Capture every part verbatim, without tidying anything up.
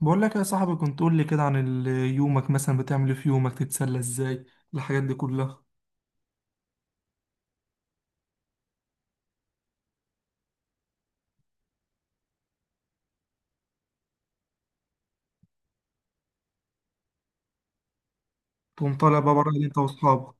بقول لك يا صاحبي، كنت تقول لي كده عن ال- يومك. مثلا بتعمل ايه في يومك؟ تتسلى ازاي الحاجات دي كلها؟ تقوم طالع بقى بره انت واصحابك،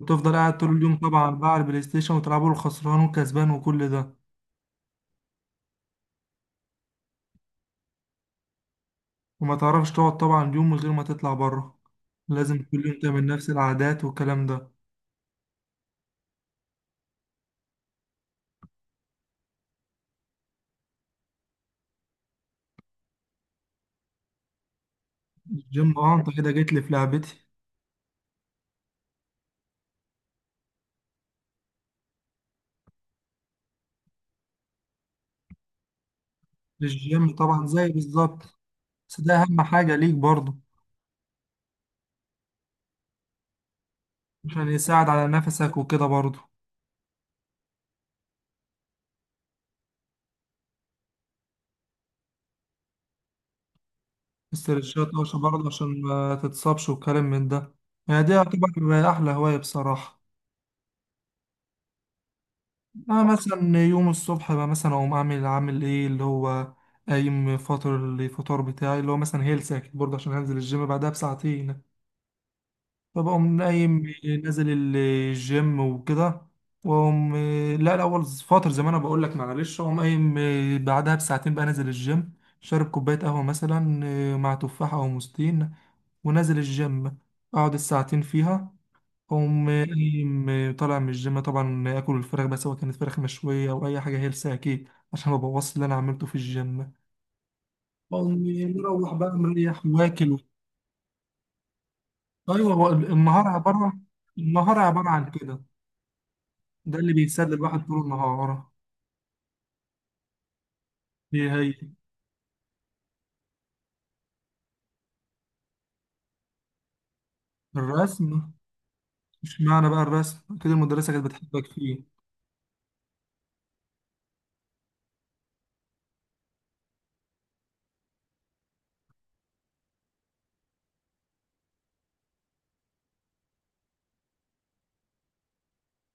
وتفضل قاعد طول اليوم طبعا بقى على البلاي ستيشن وتلعبوا الخسران والكسبان وكل ده. وما تعرفش تقعد طبعا يوم من غير ما تطلع بره؟ لازم كل يوم تعمل نفس العادات والكلام ده. الجيم، اه انت كده جيت لي في لعبتي. الجيم طبعا زي بالظبط. بس ده اهم حاجة ليك برضه، عشان يساعد على نفسك وكده برضه. استرشاد طوشة برضه عشان ما تتصابش وكلام من ده. يعني دي هتبقى أحلى هواية بصراحة. أنا مثلا يوم الصبح بقى مثلا أقوم أعمل عامل إيه اللي هو قايم فاطر الفطار بتاعي، اللي هو مثلا هيلث أكيد برضه عشان هنزل الجيم بعدها بساعتين. فبقوم قايم نازل الجيم وكده واقوم. لا الاول فتره، زي ما انا بقول لك معلش، اقوم قايم بعدها بساعتين بقى نازل الجيم. شارب كوبايه قهوه مثلا مع تفاحه او موزتين، ونازل الجيم. اقعد الساعتين فيها، اقوم قايم طالع من الجيم، طبعا اكل الفراخ، بس هو كانت فراخ مشويه او اي حاجه هيلثي اكيد عشان ما بوظش اللي انا عملته في الجيم. اقوم مروح بقى مريح واكل. ايوه، هو النهار عباره النهار عباره عن كده. ده اللي بيسلي الواحد طول النهار. هي هي الرسم. مش معنى بقى الرسم كده المدرسة كانت بتحبك فيه؟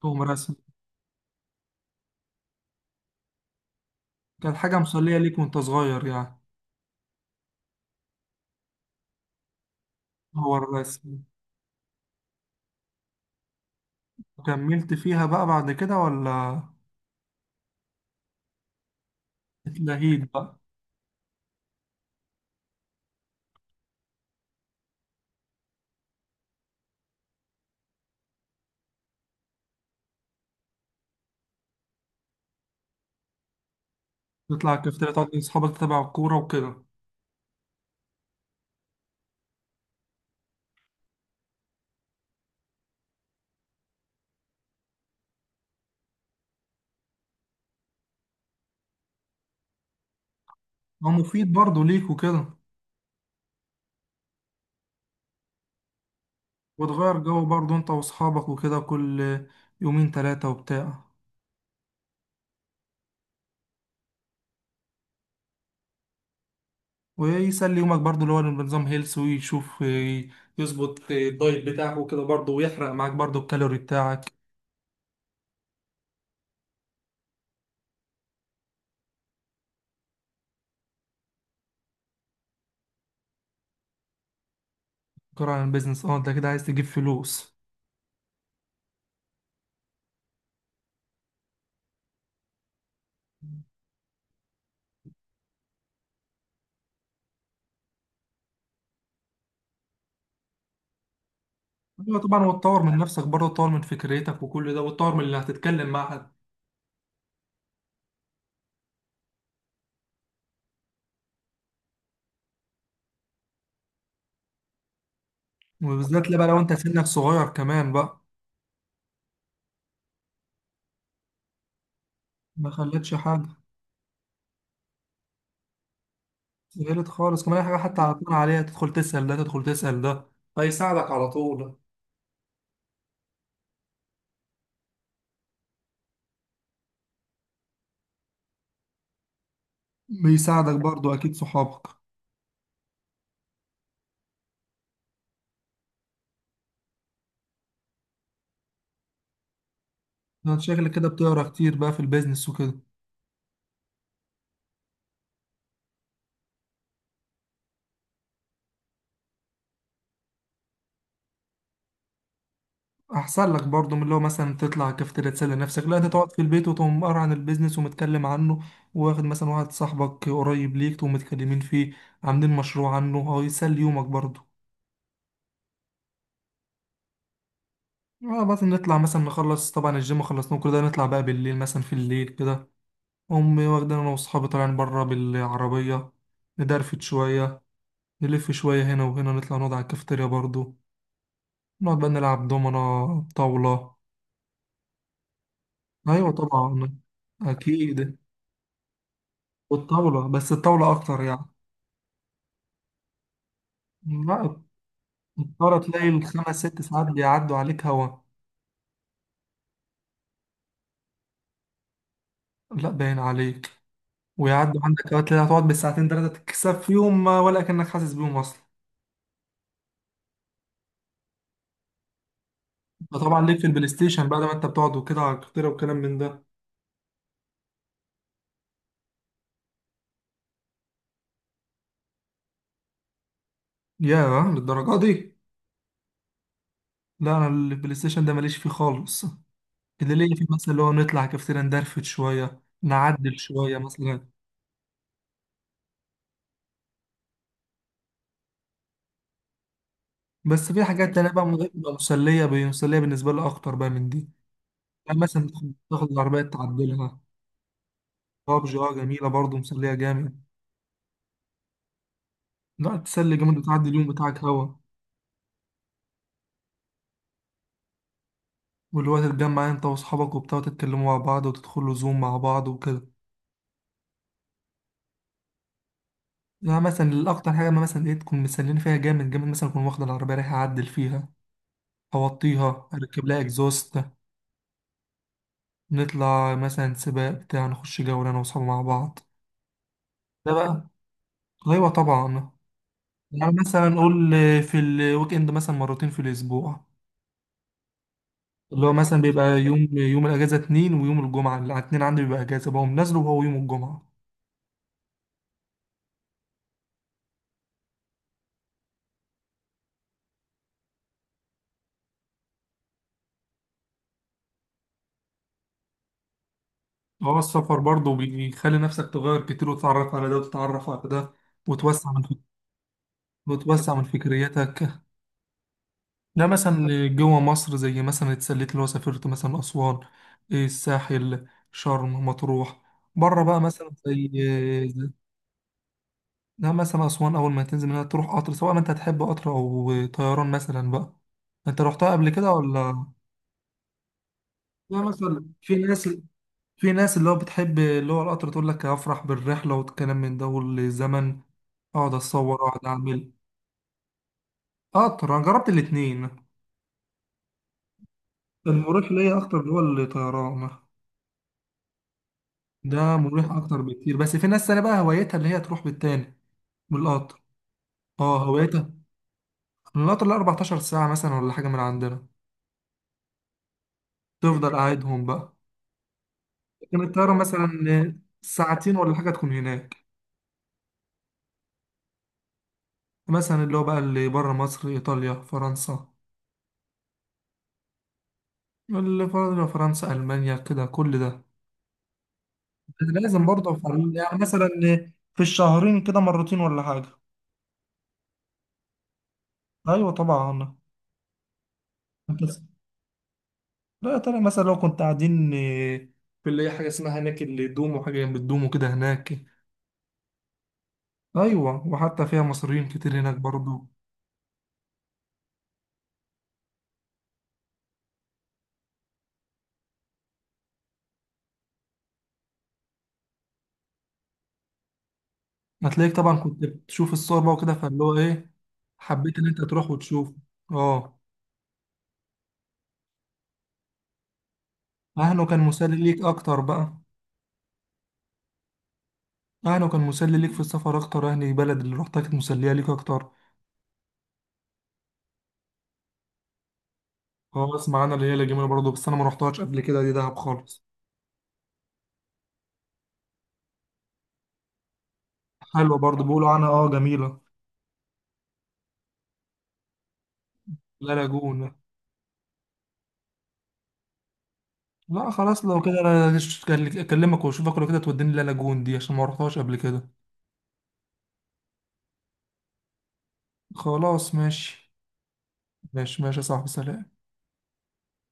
تقوم رسم. كانت حاجة مسلية ليك وانت صغير يعني. هو الرسم. وكملت فيها بقى بعد كده ولا؟ اتلهيت بقى؟ تطلع الكافتيريا تقعد مع أصحابك تتابع الكورة وكده. هو مفيد برضه ليك وكده. وتغير جو برضه انت وأصحابك وكده، كل يومين تلاتة وبتاع. ويسلي يومك برضو، اللي هو بنظام هيلث، ويشوف ي- يظبط الدايت بتاعه وكده برضو، ويحرق معاك برضو الكالوري بتاعك. كرة عن البيزنس، اه انت كده عايز تجيب فلوس. أيوة طبعا، وتطور من نفسك برضه، تطور من فكرتك وكل ده، وتطور من اللي هتتكلم مع حد. وبالذات لا بقى لو انت سنك صغير كمان بقى. ما خلتش حاجة. سهلت خالص كمان، أي حاجة حتى على طول عليها تدخل تسأل ده، تدخل تسأل ده، هيساعدك على طول. بيساعدك برضه أكيد صحابك. أنا شكلك كده بتقرا كتير بقى في البيزنس وكده. احسن لك برضو من اللي هو مثلا تطلع كافتيريا تسلي نفسك. لا، انت تقعد في البيت وتقوم قاري عن البيزنس ومتكلم عنه. واخد مثلا واحد صاحبك قريب ليك تقوم متكلمين فيه عاملين مشروع عنه، هو يسلي يومك برضو. اه، بس نطلع مثلا، نخلص طبعا الجيم خلصنا كل ده، نطلع بقى بالليل مثلا في الليل كده. امي واخدين، انا واصحابي طالعين بره بالعربيه، ندرفت شويه، نلف شويه هنا وهنا، نطلع نقعد على الكافتيريا برضو، نقعد بقى نلعب دومنا طاوله. ايوه طبعا اكيد. والطاولة، بس الطاولة أكتر يعني. لا، الطاولة تلاقي الخمس ست ساعات بيعدوا عليك هوا. لا باين عليك. ويعدوا عندك أوقات تلاقي هتقعد بالساعتين تلاتة تكسب فيهم، آه، ولا كأنك حاسس بيهم أصلا. ده طبعا ليك في البلاي ستيشن بعد ما أنت بتقعد وكده على الكتيرة وكلام من ده. ياه، للدرجة دي؟ لا، أنا البلاي ستيشن ده ماليش فيه خالص. اللي ليا فيه مثلا اللي هو نطلع كافتيريا، ندرفت شوية، نعدل شوية مثلا. بس في حاجات تانية بقى بتبقى مسلية مسلية بالنسبة لي أكتر بقى من دي. يعني مثلا تاخد تاخد العربية تعدلها. بابجي، اه جميلة برضه، مسلية جامد. لا، تسلي جامد وتعدي اليوم بتاعك هوا. واللي هو تتجمع انت واصحابك وبتاع، تتكلموا مع بعض وتدخلوا زوم مع بعض وكده. يعني مثلا الأكتر حاجة ما مثلا ايه تكون مسلين فيها جامد جامد، مثلا أكون واخد العربية رايح أعدل فيها، أوطيها، أركب لها إكزوست. نطلع مثلا سباق بتاع، نخش جولة أنا وأصحابي مع بعض. ده بقى. أيوة طبعا. يعني مثلا نقول في الويك إند مثلا مرتين في الأسبوع. اللي هو مثلا بيبقى يوم يوم الاجازه اتنين، ويوم الجمعه الاثنين عندي بيبقى اجازه، بقوم نازله وهو يوم الجمعه. هو السفر برضه بيخلي نفسك تغير كتير، وتتعرف على ده وتتعرف على ده، وتوسع من فك... وتوسع من فكريتك. لا مثلا جوه مصر زي مثلا اتسليت اللي هو سافرت مثلا اسوان، إيه، الساحل، شرم، مطروح. بره بقى مثلا زي زي- لا مثلا اسوان اول ما تنزل منها تروح قطر، سواء ما انت هتحب قطر او طيران مثلا بقى. انت رحتها قبل كده ولا؟ لا مثلا في ناس في ناس اللي هو بتحب اللي هو القطر، تقول لك هفرح بالرحلة والكلام من ده والزمن، اقعد اتصور اقعد اعمل. قطر انا جربت الاتنين. المريح ليا اكتر اللي هو الطيران. ده مريح اكتر بكتير، بس في ناس تانية بقى هوايتها اللي هي تروح بالتاني، بالقطر. اه هوايتها. من القطر له اربعة عشر ساعة مثلا ولا حاجة من عندنا. تفضل قاعدهم بقى. لكن الطيارة مثلا ساعتين ولا حاجة تكون هناك. مثلا اللي هو بقى اللي بره مصر ايطاليا فرنسا، اللي بره فرنسا المانيا كده كل ده. لازم برضه في- يعني مثلا في الشهرين كده مرتين ولا حاجة. أيوة طبعا بس. لا يا ترى مثلا لو كنت قاعدين آه، في اللي هي حاجة اسمها هناك اللي دوم، وحاجة جنب الدوم وكده هناك. أيوة، وحتى فيها مصريين كتير هناك برضه. هتلاقيك طبعا كنت بتشوف الصور بقى وكده، فاللي هو إيه، حبيت إن أنت تروح وتشوف. أه. أهله كان مسلي ليك أكتر بقى؟ أهله كان مسلي ليك في السفر أكتر؟ أهل البلد اللي روحتها كانت مسلية ليك أكتر؟ أه، أسمع أنا اللي هي الجميلة برضه، بس أنا ما روحتهاش قبل كده دي دهب خالص. حلوة برضه، بيقولوا عنها اه جميلة. لا لاجون. لا خلاص لو كده انا هش- اكلمك واشوفك لو كده توديني لا لاجون دي عشان ما رحتهاش قبل كده. خلاص ماشي. ماشي ماشي يا صاحبي، سلام.